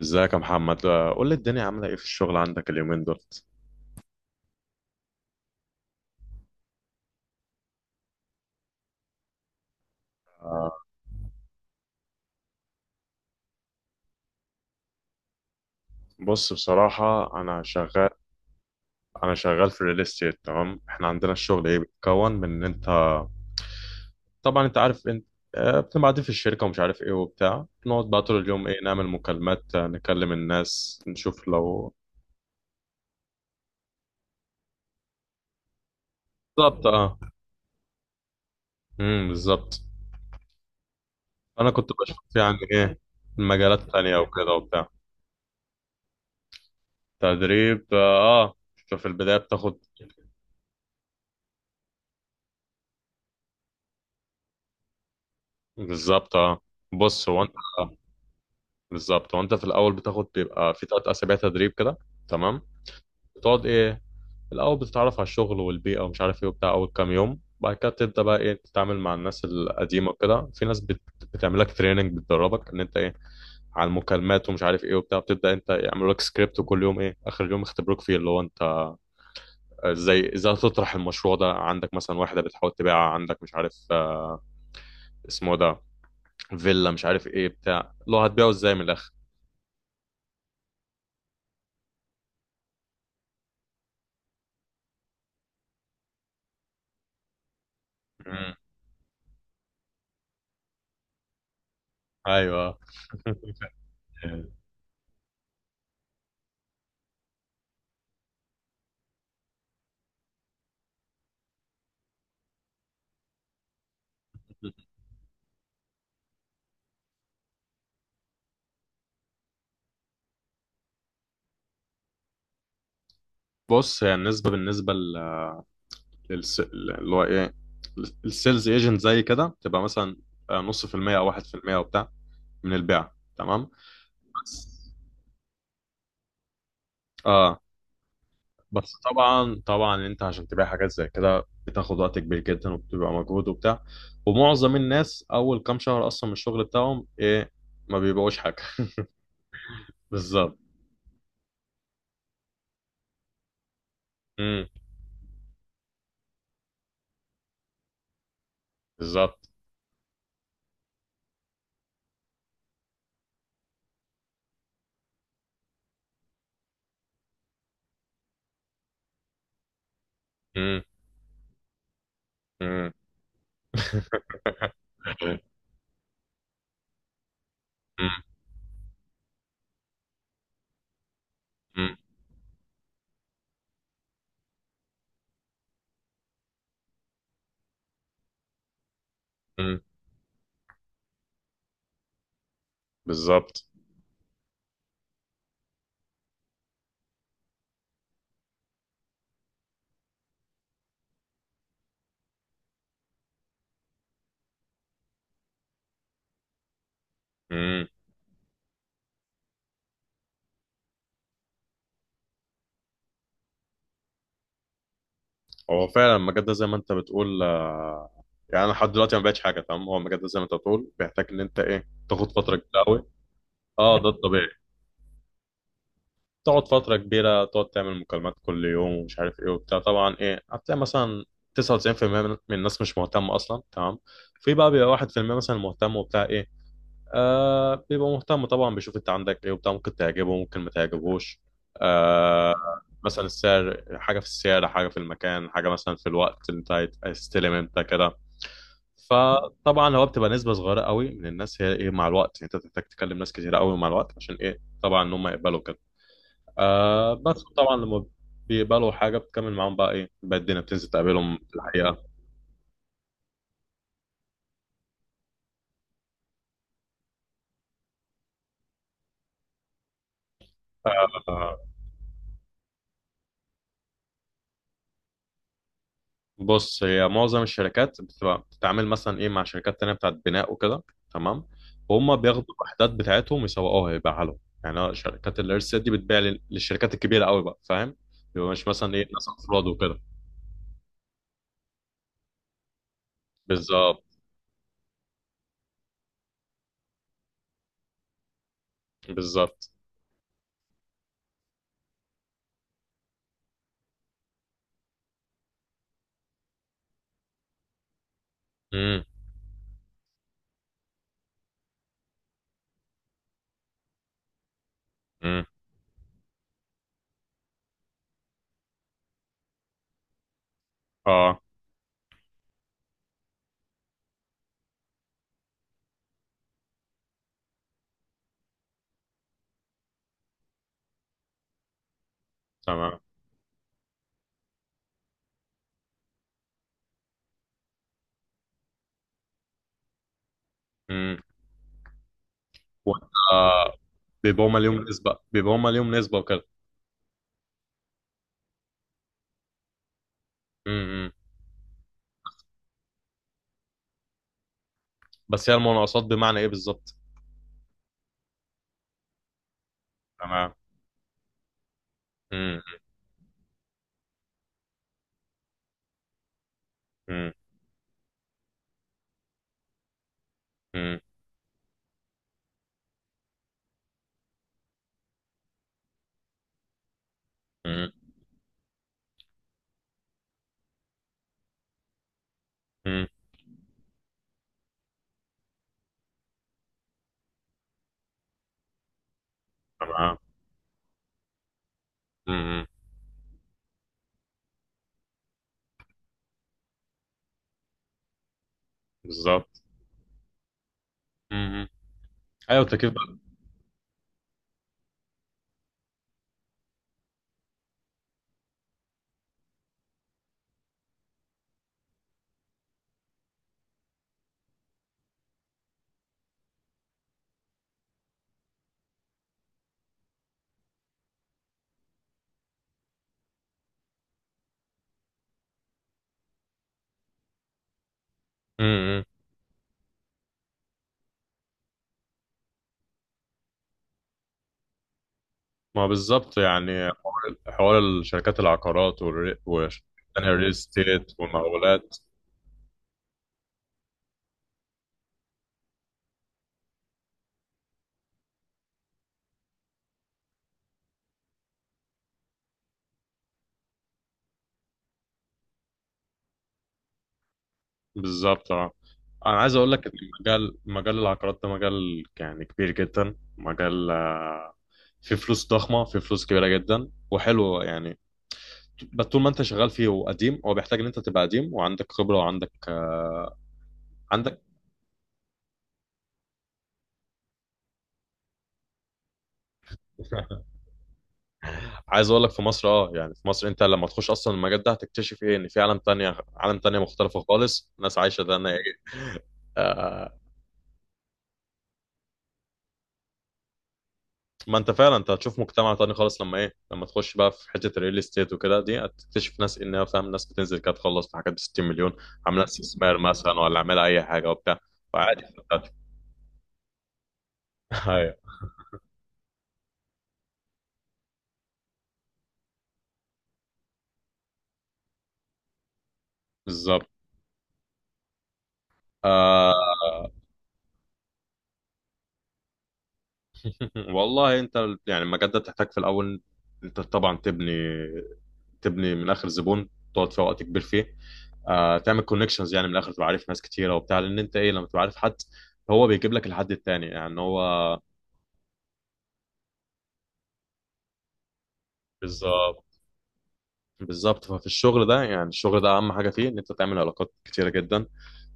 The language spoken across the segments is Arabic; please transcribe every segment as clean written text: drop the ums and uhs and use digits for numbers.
ازيك يا محمد؟ قول لي الدنيا عاملة ايه في الشغل عندك اليومين دول؟ آه، بص، بصراحة انا شغال في الريل استيت، تمام. احنا عندنا الشغل ايه، بيتكون من ان انت، طبعا انت عارف، انت بتبقى قاعدين في الشركة ومش عارف ايه وبتاع، نقعد بقى طول اليوم ايه، نعمل مكالمات، نكلم الناس، نشوف لو. بالظبط، اه. امم. بالظبط. انا كنت بشوف يعني ايه المجالات التانية وكده وبتاع. تدريب، اه. في البداية بتاخد. بالظبط، اه. بص، هو انت. بالظبط، وانت في الاول بتاخد بيبقى في ثلاث اسابيع تدريب كده، تمام. بتقعد ايه، الاول بتتعرف على الشغل والبيئه ومش عارف ايه وبتاع اول كام يوم، بعد كده تبدا بقى ايه تتعامل مع الناس القديمه وكده. في ناس بتعمل لك تريننج، بتدربك ان انت ايه على المكالمات ومش عارف ايه وبتاع، بتبدا انت يعملوا لك سكريبت، وكل يوم ايه، اخر يوم يختبروك فيه اللي هو انت ازاي تطرح المشروع ده عندك، مثلا واحده بتحاول تبيعها عندك مش عارف اسمه ده فيلا مش عارف ايه بتاع، اللي هو هتبيعه ازاي من الاخر. مم. ايوه. بص، هي النسبة بالنسبة اللي هو ايه، السيلز ايجنت زي كده تبقى مثلا نص في المية او واحد في المية وبتاع، من البيع، تمام. بس، اه. بس طبعا طبعا انت عشان تبيع حاجات زي كده بتاخد وقت كبير جدا، وبتبقى مجهود وبتاع. ومعظم الناس اول كام شهر اصلا من الشغل بتاعهم ايه، ما بيبيعوش حاجة. بالظبط. امم. بالظبط. امم. امم. امم. امم. بالظبط. إمم. هو فعلا المجال ده زي ما انت بتقول، يعني انا لحد دلوقتي ما بقتش حاجه، تمام. هو المجال ده زي ما انت بتقول بيحتاج ان انت ايه تاخد فتره كبيره قوي. اه، ده الطبيعي. تقعد فتره كبيره تقعد تعمل مكالمات كل يوم ومش عارف ايه وبتاع، طبعا ايه هتلاقي مثلا 99% من الناس مش مهتمه اصلا، تمام. في بقى بيبقى 1% مثلا مهتم وبتاع ايه، بيبقى مهتم طبعا، بيشوف انت عندك ايه وبتاع، ممكن تعجبه ممكن ما تعجبهوش. آه مثلا السعر حاجه، في السعر حاجه، في المكان حاجه، مثلا في الوقت اللي انت هتستلم انت كده. فطبعا هو بتبقى نسبه صغيره قوي من الناس هي ايه مع الوقت، يعني انت بتحتاج تكلم ناس كتير قوي مع الوقت عشان ايه طبعا ان هم يقبلوا كده. بس طبعا لما بيقبلوا حاجه بتكمل معاهم بقى ايه، بقى الدنيا بتنزل تقابلهم في الحقيقه. آه، بص، هي معظم الشركات بتبقى بتتعامل مثلا ايه مع شركات تانية بتاعت بناء وكده، تمام. وهم بياخدوا الوحدات بتاعتهم يسوقوها يبيعها لهم، يعني شركات الارسال دي بتبيع للشركات الكبيرة قوي بقى، فاهم. بيبقى مش مثلا ايه ناس افراد وكده. بالظبط. بالظبط. امم. امم. اه، تمام. امم. وانت آه، بيبقوا هم ليهم نسبة، بيبقوا هم ليهم نسبة وكده. امم. إمم. بس هي المناقصات بمعنى ايه بالظبط؟ تمام. امم. امم. امم. امم. إمم. تمام. امم. إمم. بالظبط. مم. ايوه، التكييف بقى. امم. ما بالظبط، يعني حوار حوار الشركات العقارات والتانية. الريل ستيت والمقاولات. بالظبط، اه. انا عايز اقول لك ان مجال العقارات ده مجال يعني كبير جدا، مجال فيه فلوس ضخمه، فيه فلوس كبيره جدا وحلو يعني. بس طول ما انت شغال فيه وقديم، هو بيحتاج ان انت تبقى قديم وعندك خبره وعندك آه، عندك عايز اقول لك، في مصر، اه، يعني في مصر انت لما تخش اصلا المجال ده هتكتشف ايه ان في عالم تانية، عالم تانية مختلفه خالص، ناس عايشه ده. آه، ما انت فعلا انت هتشوف مجتمع تاني خالص لما تخش بقى في حته الريل استيت وكده دي، هتكتشف ناس انها فاهم، ناس بتنزل كده تخلص في حاجات ب 60 مليون، عامله استثمار مثلا ولا عامله اي حاجه وبتاع. وعادي بتاعتك. ايوه، بالظبط. آه. والله انت، يعني المجال ده بتحتاج في الاول، انت طبعا تبني من اخر زبون، تقعد فيه وقت كبير فيه. تعمل كونكشنز يعني من الاخر تبقى عارف ناس كتيره وبتاع، لان انت ايه لما تبقى عارف حد، هو بيجيب لك الحد التاني، يعني هو. بالظبط. بالظبط ففي الشغل ده، يعني الشغل ده اهم حاجه فيه ان انت تعمل علاقات كتيره جدا.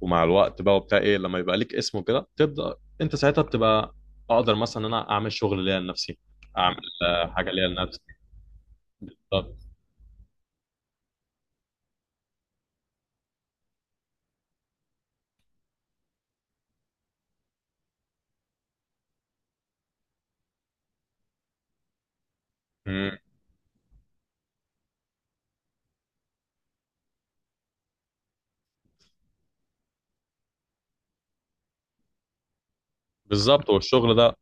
ومع الوقت بقى وبتاع ايه، لما يبقى ليك اسمه كده، تبدا انت ساعتها بتبقى اقدر مثلا ان انا اعمل شغل ليا لنفسي، اعمل حاجه ليا لنفسي. بالظبط. مم. بالظبط والشغل ده.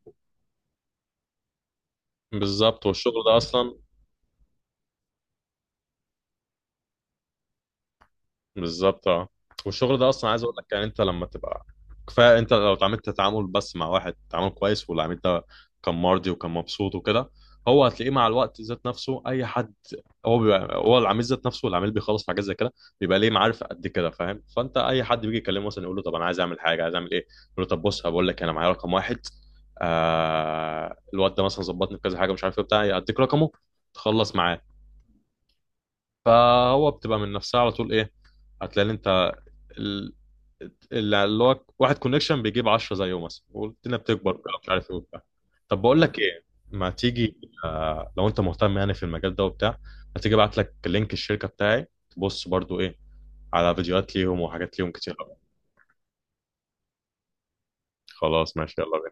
بالظبط والشغل ده اصلا. بالظبط، اه. والشغل ده اصلا عايز اقول لك، يعني انت لما تبقى كفايه، انت لو اتعاملت تعامل بس مع واحد، تعامل كويس والعميل ده كان مرضي وكان مبسوط وكده، هو هتلاقيه مع الوقت ذات نفسه، اي حد هو بيبقى هو العميل ذات نفسه، والعميل بيخلص في حاجات زي كده بيبقى ليه معارف قد كده، فاهم. فانت اي حد بيجي يكلمه مثلا يقول له طب انا عايز اعمل حاجه، عايز اعمل ايه، يقول له طب بص هقول لك، انا معايا رقم واحد، الواد ده مثلا ظبطني في كذا حاجه مش عارف ايه بتاع، يديك رقمه تخلص معاه. فهو بتبقى من نفسها على طول، ايه هتلاقي إن انت ال- اللي هو واحد كونكشن بيجيب 10 زيه مثلا، والدنيا بتكبر بقى مش عارف ايه وبتاع. طب بقول لك ايه، ما تيجي لو انت مهتم يعني في المجال ده وبتاع، ما تيجي ابعت لك لينك الشركة بتاعي، تبص برضو ايه على فيديوهات ليهم وحاجات ليهم كتير أوي. خلاص، ماشي، يلا.